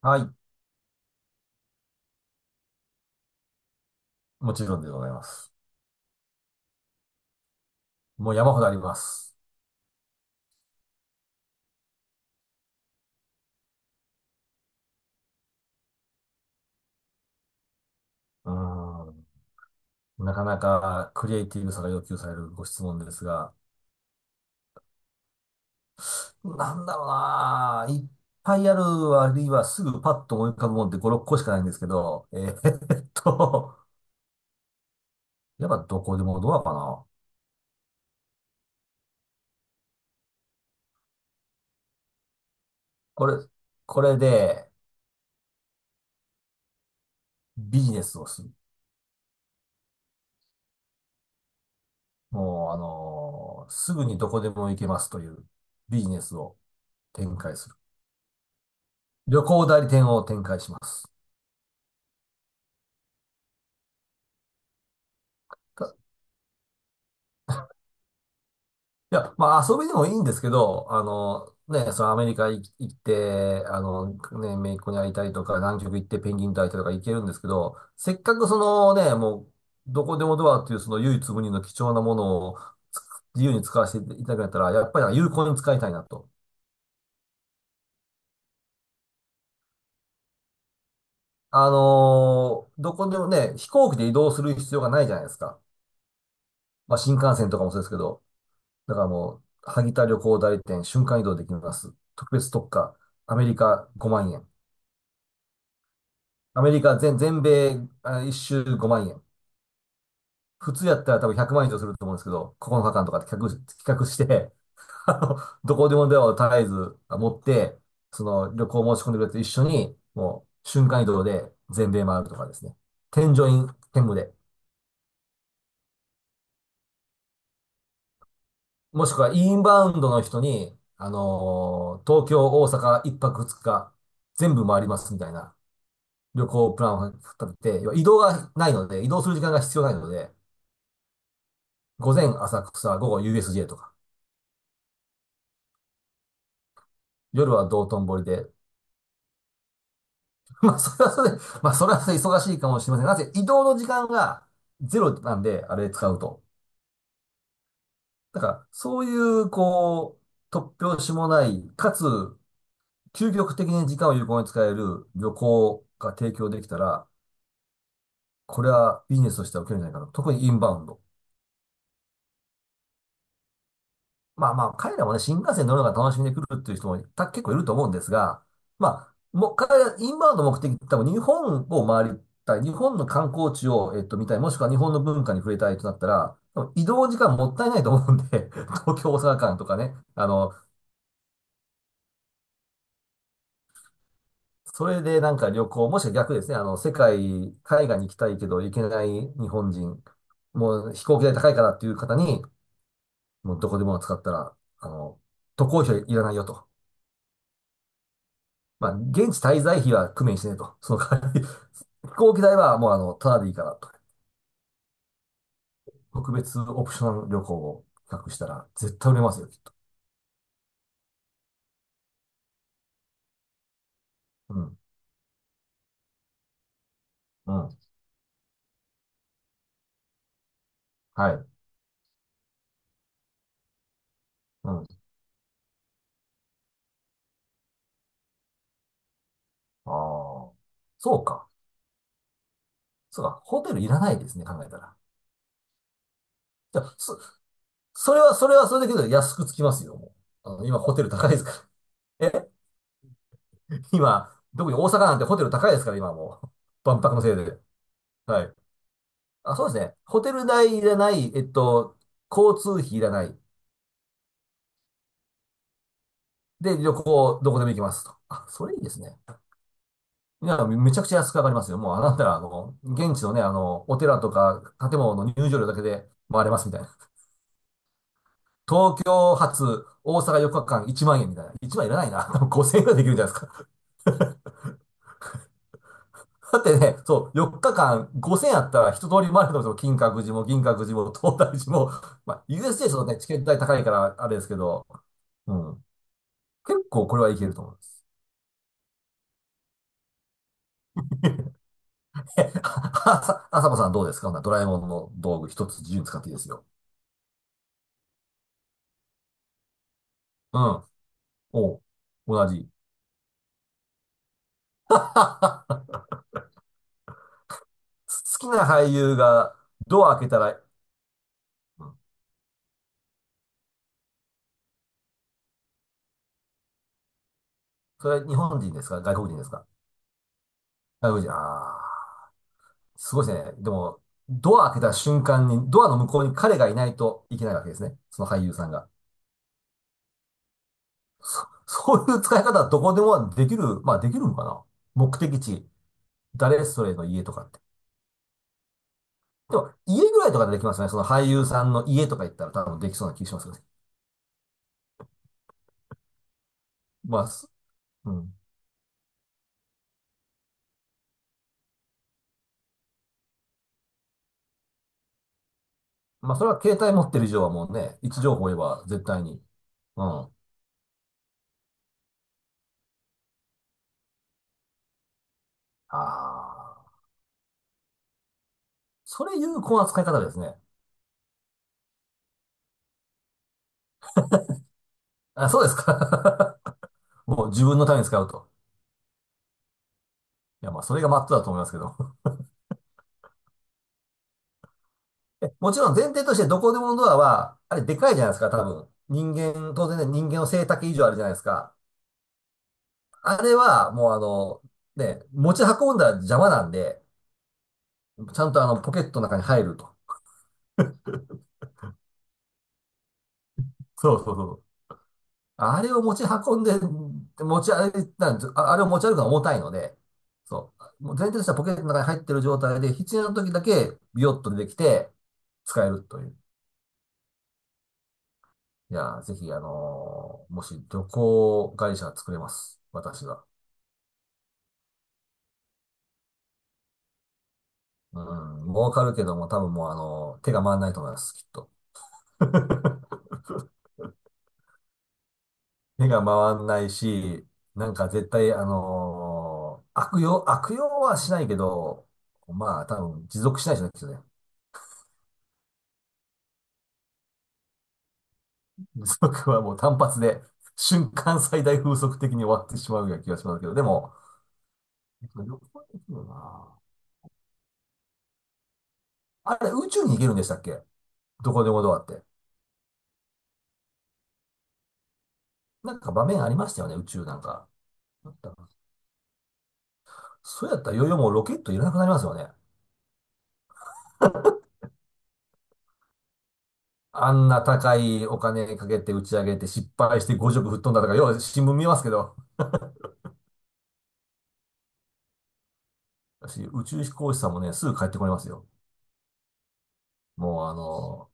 はい。もちろんでございます。もう山ほどあります。うーん。なかなかクリエイティブさが要求されるご質問ですが、なんだろうなぁ。いっぱいある割にはすぐパッと思い浮かぶもんって5、6個しかないんですけど、っと、やっぱどこでもドアかな。これ、これでビジネスをする。もう、すぐにどこでも行けますというビジネスを展開する。旅行代理店を展開します。いや、まあ遊びでもいいんですけど、ね、そのアメリカ行って、ね、姪っ子に会いたいとか、南極行ってペンギンと会いたいとか行けるんですけど、せっかくそのね、もう、どこでもドアっていうその唯一無二の貴重なものをつ自由に使わせていただくんだったら、やっぱり有効に使いたいなと。どこでもね、飛行機で移動する必要がないじゃないですか。まあ新幹線とかもそうですけど、だからもう、萩田旅行代理店瞬間移動できます。特別特価、アメリカ5万円。アメリカ全、全米、あ、一周5万円。普通やったら多分100万円以上すると思うんですけど、9日間とかって企画して、あの、どこでもドアを絶えず持って、その旅行申し込んでくれて一緒に、もう瞬間移動で全米回るとかですね。添乗員兼務で。もしくはインバウンドの人に、東京、大阪、一泊二日、全部回りますみたいな旅行プランを立てて、要は移動がないので、移動する時間が必要ないので、午前浅草、午後 USJ とか、夜は道頓堀で。まあ、それはそれで、まあ、それはそれで忙しいかもしれませんなぜ移動の時間がゼロなんで、あれ使うと。だから、そういう、こう、突拍子もない、かつ、究極的に時間を有効に使える旅行が提供できたら、これはビジネスとしては受けるんじゃないかな。特にインバウンド。まあまあ、彼らもね、新幹線乗るのが楽しみで来るっていう人もた結構いると思うんですが、まあ、もう彼ら、インバウンドの目的って多分日本を回りたい、日本の観光地を、見たい、もしくは日本の文化に触れたいとなったら、多分移動時間もったいないと思うんで、東京、大阪間とかね、それでなんか旅行、もしくは逆ですね、世界、海外に行きたいけど行けない日本人、もう飛行機代高いからっていう方に、もうどこでも使ったら、あの、渡航費はいらないよと。まあ、現地滞在費は工面してねと。その代わり、飛行機代はもうただでいいからと。特別オプション旅行を企画したら絶対売れますよ、きっと。うん。うん。はい。うん。ああ。そうか。そうか。ホテルいらないですね、考えたら。じゃあ、それはそれだけど安くつきますよ、もう。今ホテル高いですから。今、特に大阪なんてホテル高いですから、今もう。万博のせいで。はい。あ、そうですね。ホテル代いらない、交通費いらない。で、旅行、どこでも行きますと。あ、それいいですね。いや、めちゃくちゃ安く上がりますよ。もう、あなたら、現地のね、お寺とか建物の入場料だけで回れますみたいな。東京発、大阪4日間1万円みたいな。1万円いらないな。5000円ぐらいできるんじゃないですか。だってね、そう、4日間5000円あったら一通り回れるのと、金閣寺も銀閣寺も東大寺も、まあ、USJ ちょね、チケット代高いからあれですけど、うん。結構これはいけると思います。え、ああさ、あさこさんどうですか？ほなドラえもんの道具一つ自由に使っていいですよ。うん。おう、同じ。好きな俳優がドア開けたら、うん、それは日本人ですか？外国人ですか？外国人。ああ、すごいですね。でも、ドア開けた瞬間に、ドアの向こうに彼がいないといけないわけですね。その俳優さんが。そういう使い方はどこでもできる、まあできるのかな？目的地、誰それの家とかって。でも、家ぐらいとかでできますよね。その俳優さんの家とか行ったら多分できそうな気がしますよね。まあ、うん。まあ、それは携帯持ってる以上はもうね、位置情報を言えば絶対に。うん。ああ。それ有効な使い方ですね。あ、そうですか。もう自分のために使うと。いや、まあ、それがマットだと思いますけど。もちろん前提としてどこでものドアは、あれでかいじゃないですか、多分。人間、当然ね、人間の背丈以上あるじゃないですか。あれは、もうね、持ち運んだら邪魔なんで、ちゃんとポケットの中に入ると。そうそうそう。あれを持ち運んで、持ち歩いたんですああれを持ち歩くのは重たいので、そう。もう前提としてはポケットの中に入ってる状態で、必要な時だけビヨッと出てきて、使えるという。いやー、ぜひ、もし旅行会社作れます。私は。うん、儲かるけども、多分もう、手が回らないと思います、きっと。手が回んないし、なんか絶対、悪用はしないけど、まあ、多分持続しないじゃないですよね。風速はもう単発で、瞬間最大風速的に終わってしまうような気がしますけど、でも、旅行できるな。あれ、宇宙に行けるんでしたっけ？どこでもドアって。なんか場面ありましたよね、宇宙なんか。あったかな？そうやったらいよいよもうロケットいらなくなりますよね。あんな高いお金かけて打ち上げて失敗して5色吹っ飛んだとか、よは新聞見ますけど、私、宇宙飛行士さんもね、すぐ帰ってこれますよ。もう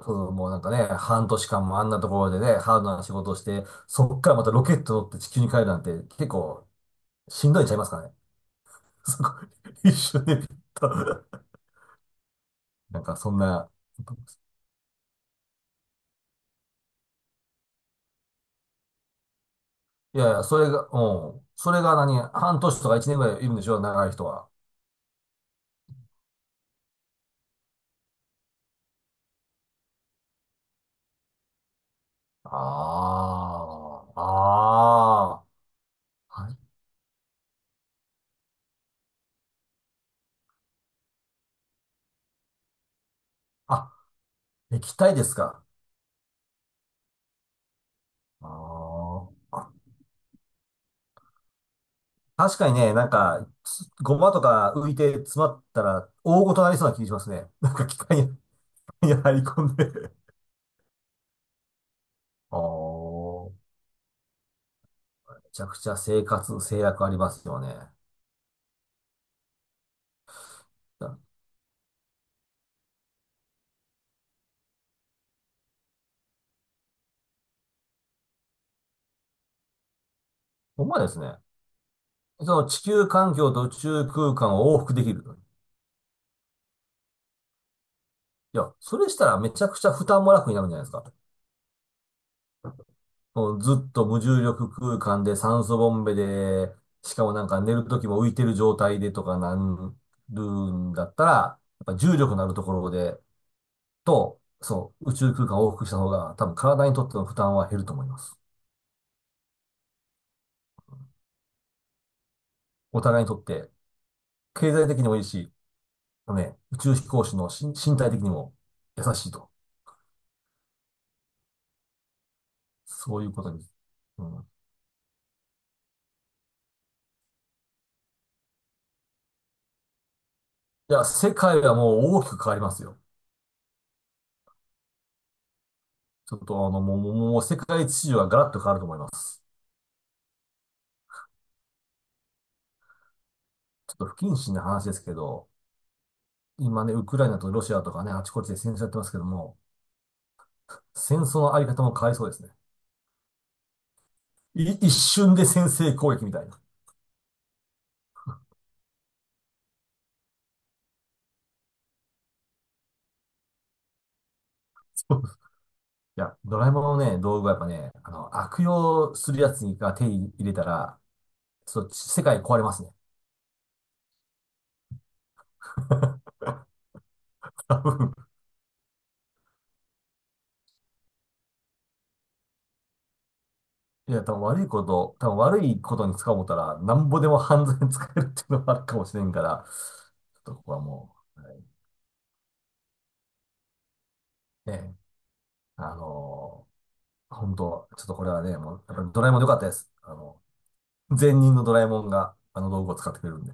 そう、もうなんかね、半年間もあんなところでね、ハードな仕事をして、そっからまたロケット乗って地球に帰るなんて結構しんどいんちゃいますかね。そこ、一緒に。なんかそんな、いやいや、それが、うん。それが何、半年とか一年ぐらいいるんでしょ、長い人は。ああ、ああ、はい。あ、液体ですか。ああ。確かにね、なんか、つごまとか浮いて詰まったら、大ごとなりそうな気がしますね。なんか機械に入 り込んで。あーめちゃくちゃ生活制約ありますよね。だほんまですね。その地球環境と宇宙空間を往復できると。いや、それしたらめちゃくちゃ負担も楽になるんじゃないですか。もうずっと無重力空間で酸素ボンベで、しかもなんか寝るときも浮いてる状態でとかなるんだったら、やっぱ重力のあるところで、そう、宇宙空間を往復した方が多分体にとっての負担は減ると思います。お互いにとって、経済的にもいいし、のね、宇宙飛行士の身体的にも優しいと。そういうことに。うん。いや、世界はもう大きく変わりますよ。ちょっともう、もう、もう世界秩序はガラッと変わると思います。ちょっと不謹慎な話ですけど、今ね、ウクライナとロシアとかね、あちこちで戦争やってますけども、戦争のあり方も変わりそうですね。一瞬で先制攻撃みたいな。そういや、ドラえもんのね、道具はやっぱね、悪用するやつが手に入れたら、そう、世界壊れますね。多分いや、多分悪いことに使おう思ったら、なんぼでも犯罪に使えるっていうのもあるかもしれんから、ちょっとここはもう、はい、ね、あの本当、ちょっとこれはね、もう、やっぱりドラえもん良かったです。前任のドラえもんが、あの道具を使ってくれるんで。